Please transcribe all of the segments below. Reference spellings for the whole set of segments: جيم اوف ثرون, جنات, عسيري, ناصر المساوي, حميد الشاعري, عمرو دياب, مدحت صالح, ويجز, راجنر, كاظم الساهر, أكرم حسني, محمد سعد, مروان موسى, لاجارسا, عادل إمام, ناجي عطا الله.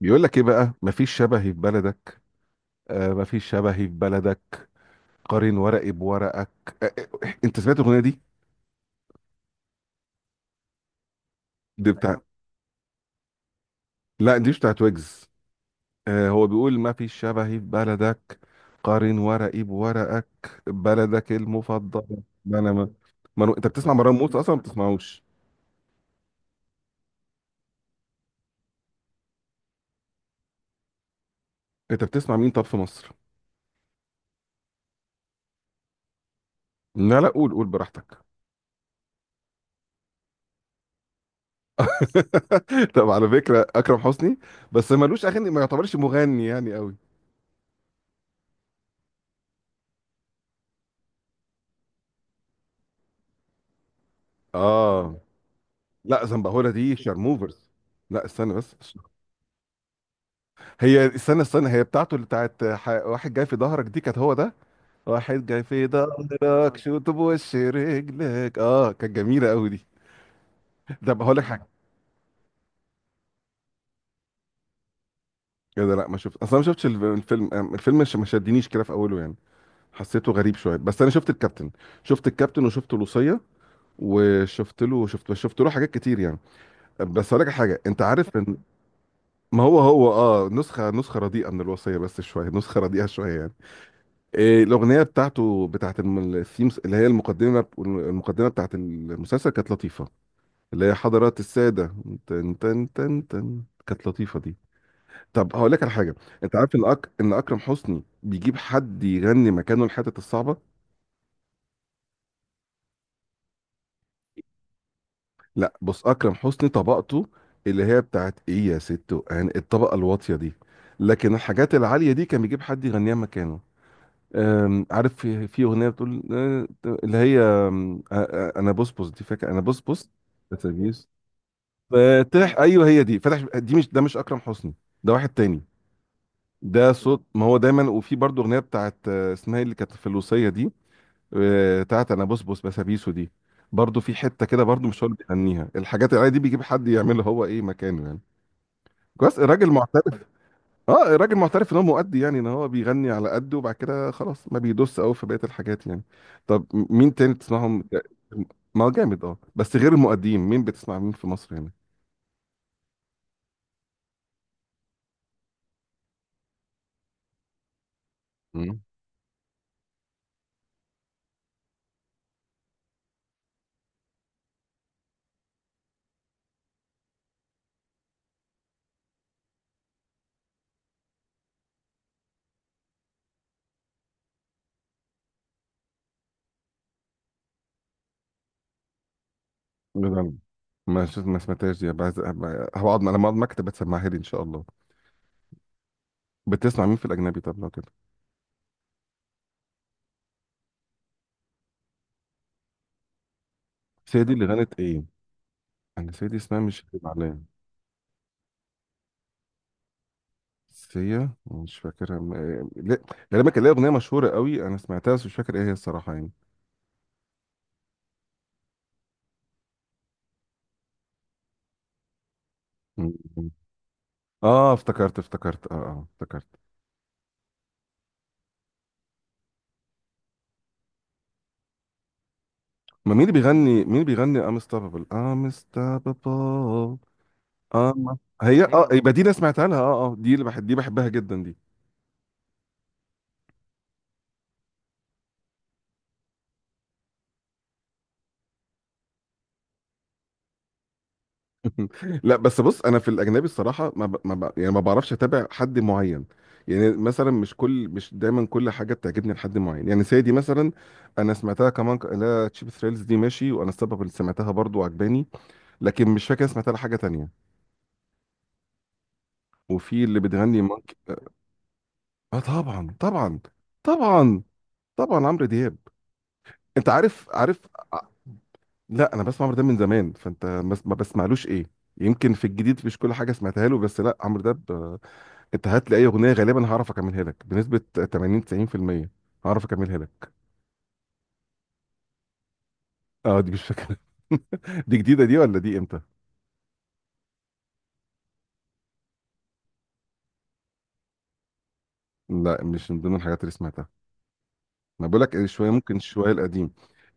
بيقول لك ايه بقى؟ مفيش شبهي في بلدك. آه، مفيش شبهي في بلدك. قارن ورقي بورقك. آه. آه، انت سمعت الاغنيه دي؟ دي بتاع لا، دي مش بتاعت ويجز. آه، هو بيقول مفيش شبهي في بلدك. قارن ورقي بورقك. بلدك المفضله. ما انا ما, انت بتسمع مروان موسى اصلا؟ ما بتسمعوش. انت بتسمع مين طب في مصر؟ لا لا، قول قول براحتك. طب على فكره، اكرم حسني بس ملوش اغاني، ما يعتبرش مغني يعني قوي. اه. لا، زنبهورة دي شارموفرز. لا استنى بس. استنى استنى، هي بتاعته، اللي بتاعت واحد جاي في ظهرك دي، كانت هو ده. واحد جاي في ظهرك شوت بوش رجلك، اه كانت جميلة قوي دي. ده هقول لك حاجة. ايه ده؟ لا ما شفت، اصلا ما شفتش الفيلم، الفيلم ما شدنيش كده في اوله يعني. حسيته غريب شويه، بس انا شفت الكابتن. شفت الكابتن وشفت لوسية. وشفت له، شفت له حاجات كتير يعني. بس هقول لك حاجه، انت عارف ان ما هو هو نسخه رديئه من الوصيه، بس شويه نسخه رديئه شويه يعني. إيه، الأغنية بتاعته الثيمز اللي هي المقدمة بتاعت المسلسل كانت لطيفة. اللي هي حضرات السادة. تن تن تن تن، كانت لطيفة دي. طب هقول لك على حاجة. أنت عارف إن إن أكرم حسني بيجيب حد يغني مكانه الحتت الصعبة؟ لا بص، أكرم حسني طبقته اللي هي بتاعت إيه يا ست، وأنا الطبقة الواطية دي. لكن الحاجات العالية دي كان بيجيب حد يغنيها مكانه. عارف في اغنيه بتقول اللي هي انا بصبص، دي فاكر؟ انا بصبص اتوبيس فاتح، ايوه هي دي. فتح. دي مش ده، مش اكرم حسني، ده واحد تاني. ده صوت، ما هو دايما. وفي برضه اغنيه بتاعت اسمها إيه اللي كانت في الوصيه دي؟ بتاعت انا بصبص بسابيسو دي. برضه في حته كده برضه مش هو اللي بيغنيها، الحاجات العاديه دي بيجيب حد يعملها هو، ايه مكانه يعني. كويس، الراجل معترف. اه، راجل معترف ان هو مؤدي يعني، ان هو بيغني على قده، وبعد كده خلاص ما بيدوس قوي في بقيه الحاجات يعني. طب، مين تاني بتسمعهم؟ ما هو جامد اه، بس غير المؤديين مين بتسمع، مين في مصر هنا؟ مم. لا، ما شفت، ما سمعتهاش دي. هقعد لما اقعد مكتب بتسمعها لي ان شاء الله. بتسمع مين في الاجنبي طب لو كده؟ سيدي اللي غنت ايه؟ انا سيدي اسمها مش غريب عليا. سيا مش فاكرها لا، غالبا كان ليها اغنيه مشهوره قوي، انا سمعتها بس مش فاكر ايه هي الصراحه. يعني. اه افتكرت، افتكرت، اه افتكرت. ما مين اللي بيغني، مين اللي بيغني انستابابل انستابابل؟ اه. هي اه ايوه، يبقى دي انا سمعتها لها، اه اه دي اللي بحب، دي بحبها جدا دي. لا بس بص، انا في الاجنبي الصراحه ما ب... ما ب... يعني ما بعرفش اتابع حد معين. يعني مثلا، مش دايما كل حاجه بتعجبني لحد معين، يعني سيدي مثلا انا سمعتها كمان، لا تشيب ثريلز دي ماشي، وانا السبب اللي سمعتها برضو عجباني. لكن مش فاكر سمعتها لحاجه تانية. وفي اللي بتغني مونكي اه. طبعا طبعا. طبعا طبعا عمرو دياب. انت عارف، لا انا بسمع عمرو دياب من زمان، فانت ما بسمعلوش ايه؟ يمكن في الجديد مش كل حاجه سمعتها له، بس لا عمرو دياب انت هات لي اي اغنيه غالبا هعرف اكملها لك بنسبه 80 90%، هعرف اكملها لك. اه دي مش فاكره. دي جديده دي ولا دي امتى؟ لا، مش من ضمن الحاجات اللي سمعتها. ما بقول لك شويه، ممكن شويه القديم.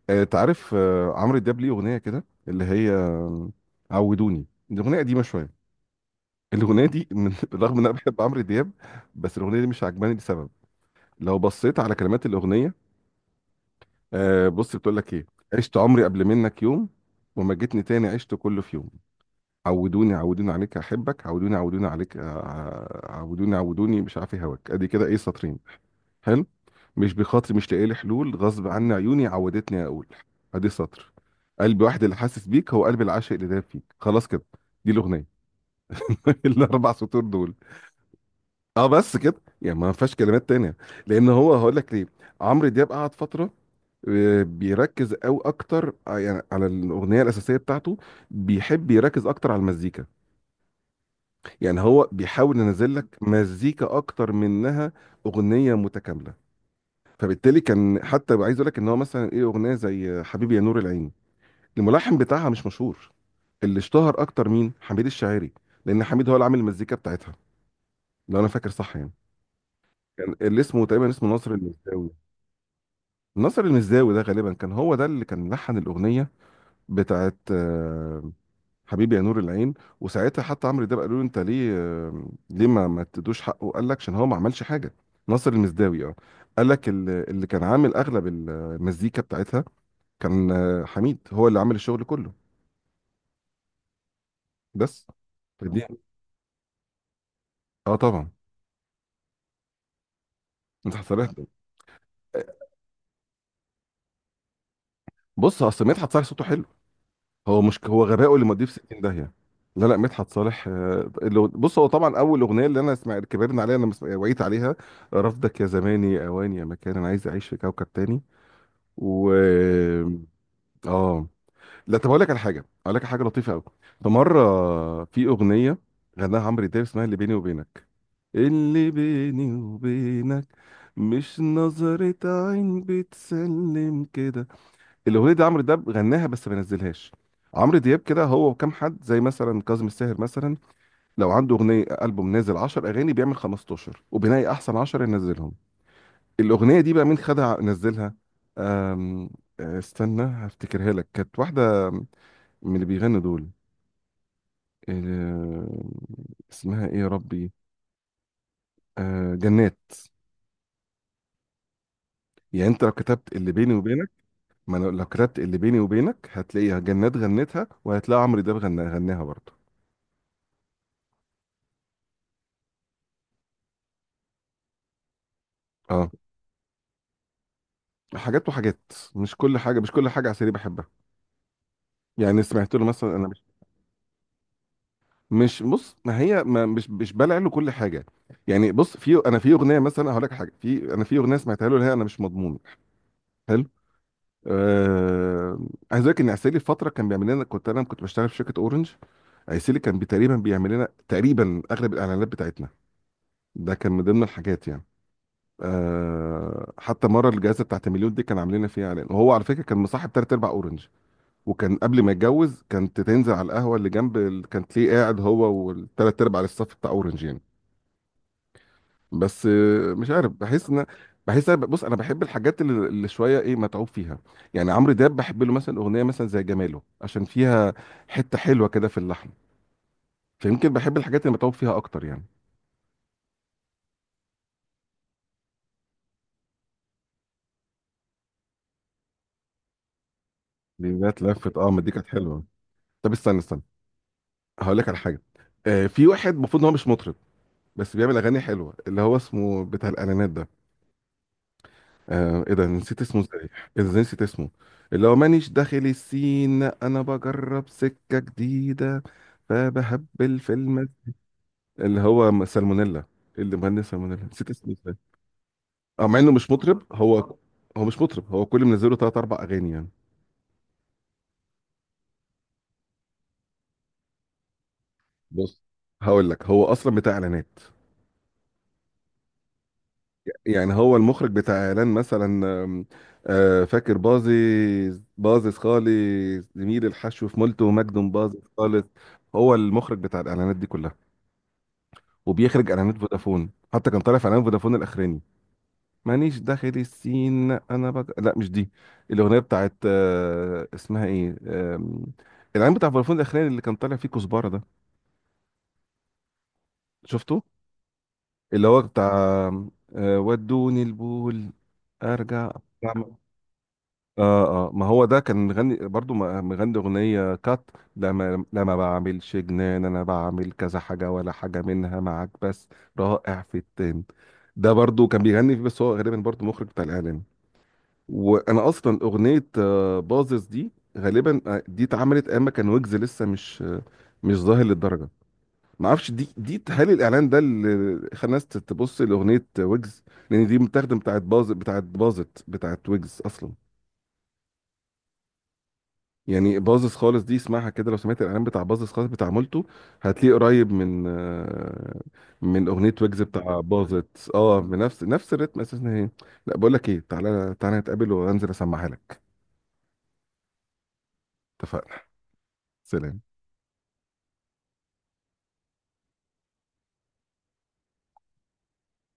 تعرف عمرو دياب ليه اغنيه كده، اللي هي عودوني، دي اغنيه قديمه شويه. الاغنيه دي من رغم ان انا بحب عمرو دياب، بس الاغنيه دي مش عجباني لسبب. لو بصيت على كلمات الاغنيه، بص بتقول لك ايه. عشت عمري قبل منك يوم، وما جيتني تاني عشت كله في يوم. عودوني عودوني عليك احبك، عودوني عودوني عليك. عودوني عودوني، مش عارف إيه هواك. ادي كده ايه، سطرين. حلو. مش بخاطري مش لاقي لي حلول، غصب عني عيوني عودتني اقول. ادي سطر. قلبي واحد اللي حاسس بيك، هو قلب العاشق اللي داب فيك. خلاص كده، دي الاغنيه. الاربع سطور دول. اه بس كده. يعني ما فيهاش كلمات تانية. لان هو هقول لك ليه. عمرو دياب قعد فتره بيركز او اكتر يعني على الاغنيه الاساسيه بتاعته، بيحب يركز اكتر على المزيكا. يعني هو بيحاول ينزل لك مزيكا اكتر منها، اغنيه متكامله. فبالتالي كان حتى عايز اقول لك ان هو مثلا ايه، اغنيه زي حبيبي يا نور العين، الملحن بتاعها مش مشهور. اللي اشتهر اكتر مين؟ حميد الشاعري. لان حميد هو اللي عامل المزيكا بتاعتها، لو انا فاكر صح يعني. كان اللي اسمه تقريبا ناصر المساوي. ناصر المسداوي ده غالبا كان هو ده اللي كان لحن الاغنيه بتاعت حبيبي يا نور العين. وساعتها حتى عمرو ده قالوا له انت ليه ليه ما تدوش حقه؟ قال لك عشان هو ما عملش حاجه. ناصر المسداوي اه. قال لك اللي كان عامل اغلب المزيكا بتاعتها كان حميد هو اللي عامل الشغل كله بس. فدي اه، طبعا مدحت صالح. بص اصل مدحت صالح صوته حلو. هو مش هو غرقه اللي مضيه في 60 داهيه. لا لا، مدحت صالح بص هو طبعا اول اغنيه اللي انا سمعت، كبرنا عليها انا وعيت عليها. رفضك يا زماني اوان، يا مكان انا عايز اعيش في كوكب تاني. و اه. آه. لا طب اقول لك على حاجه، اقول لك على حاجه لطيفه قوي. فمره في اغنيه غناها عمرو دياب اسمها اللي بيني وبينك. اللي بيني وبينك مش نظرة عين بتسلم كده. الاغنيه دي عمرو دياب غناها بس ما نزلهاش. عمرو دياب كده هو وكام حد زي مثلا كاظم الساهر مثلا، لو عنده اغنيه البوم نازل 10 اغاني، بيعمل 15 وبينقي احسن 10 ينزلهم. الاغنيه دي بقى مين خدها نزلها؟ أم... استنى هفتكرها لك، كانت واحده من اللي بيغنوا دول. أم، اسمها ايه يا ربي؟ أه جنات. يعني انت لو كتبت اللي بيني وبينك، ما أنا لو كتبت اللي بيني وبينك هتلاقيها جنات غنتها، وهتلاقي عمرو دياب غناها، غناها برضه. اه، حاجات وحاجات. مش كل حاجه، مش كل حاجه عسيري بحبها. يعني سمعت له مثلا. انا مش، مش بص، ما هي ما مش بلع له كل حاجه. يعني بص، في انا في اغنيه مثلا هقول لك حاجه، في اغنيه سمعتها له اللي هي انا مش مضمون، حلو. آه... عايز اقول لك ان عسيلي فتره كان بيعمل لنا، كنت انا بشتغل في شركه اورنج. عسيلي كان تقريبا بيعمل لنا تقريبا اغلب الاعلانات بتاعتنا، ده كان من ضمن الحاجات يعني. حتى مره الجائزه بتاعت مليون دي كان عاملين لنا فيها اعلان، وهو على فكره كان مصاحب ثلاث ارباع اورنج. وكان قبل ما يتجوز كانت تنزل على القهوه اللي جنب كانت ليه قاعد هو والثلاث ارباع على الصف بتاع اورنج يعني. بس مش عارف، بحس ان بحس انا، بص انا بحب الحاجات اللي شويه ايه متعوب فيها. يعني عمرو دياب بحب له مثلا اغنيه مثلا زي جماله، عشان فيها حته حلوه كده في اللحن. فيمكن بحب الحاجات اللي متعوب فيها اكتر يعني. دي جت لفت، اه ما دي كانت حلوه. طب استنى استنى، هقول لك على حاجه. في واحد المفروض ان هو مش مطرب بس بيعمل اغاني حلوه، اللي هو اسمه بتاع الاعلانات ده. آه ايه ده، نسيت اسمه ازاي؟ ايه ده، ازاي نسيت اسمه؟ اللي هو مانيش داخل السين، انا بجرب سكة جديدة، فبهبل في المد. اللي هو سالمونيلا. إيه اللي مغني سالمونيلا؟ نسيت اسمه ازاي. اه، مع انه مش مطرب هو. هو مش مطرب، هو كل منزله تلات اربع اغاني يعني. بص هقول لك، هو اصلا بتاع اعلانات. يعني هو المخرج بتاع اعلان مثلا، فاكر بازز خالص، زميل الحشو في مولتو مجد، باظظ خالص. هو المخرج بتاع الاعلانات دي كلها، وبيخرج اعلانات فودافون، حتى كان طالع في اعلان فودافون الاخراني. مانيش داخل السين انا لا مش دي. الاغنيه بتاعت اسمها ايه الاعلان بتاع فودافون الاخراني اللي كان طالع فيه كزبره ده، شفته؟ اللي هو بتاع ودوني البول، ارجع. اه اه، ما هو ده كان مغني برضو، مغني اغنيه كات، لما بعملش جنان، انا بعمل كذا حاجه ولا حاجه منها معاك بس، رائع في التين. ده برضو كان بيغني فيه، بس هو غالبا برضو مخرج بتاع الاعلام. وانا اصلا اغنيه باظظ دي غالبا، دي اتعملت اما كان ويجز لسه مش مش ظاهر للدرجه. ما اعرفش، دي هل الاعلان ده اللي خلى الناس تبص لاغنيه ويجز؟ لان دي متاخده بتاعت باظت بتاعت ويجز اصلا. يعني باظظ خالص دي اسمعها كده، لو سمعت الاعلان بتاع باظظ خالص بتاع مولتو، هتلاقيه قريب من من اغنيه ويجز بتاع باظت اه، نفس الريتم اساسا هي. لا بقول لك ايه، تعالى تعالى نتقابل وانزل اسمعها لك. اتفقنا. سلام.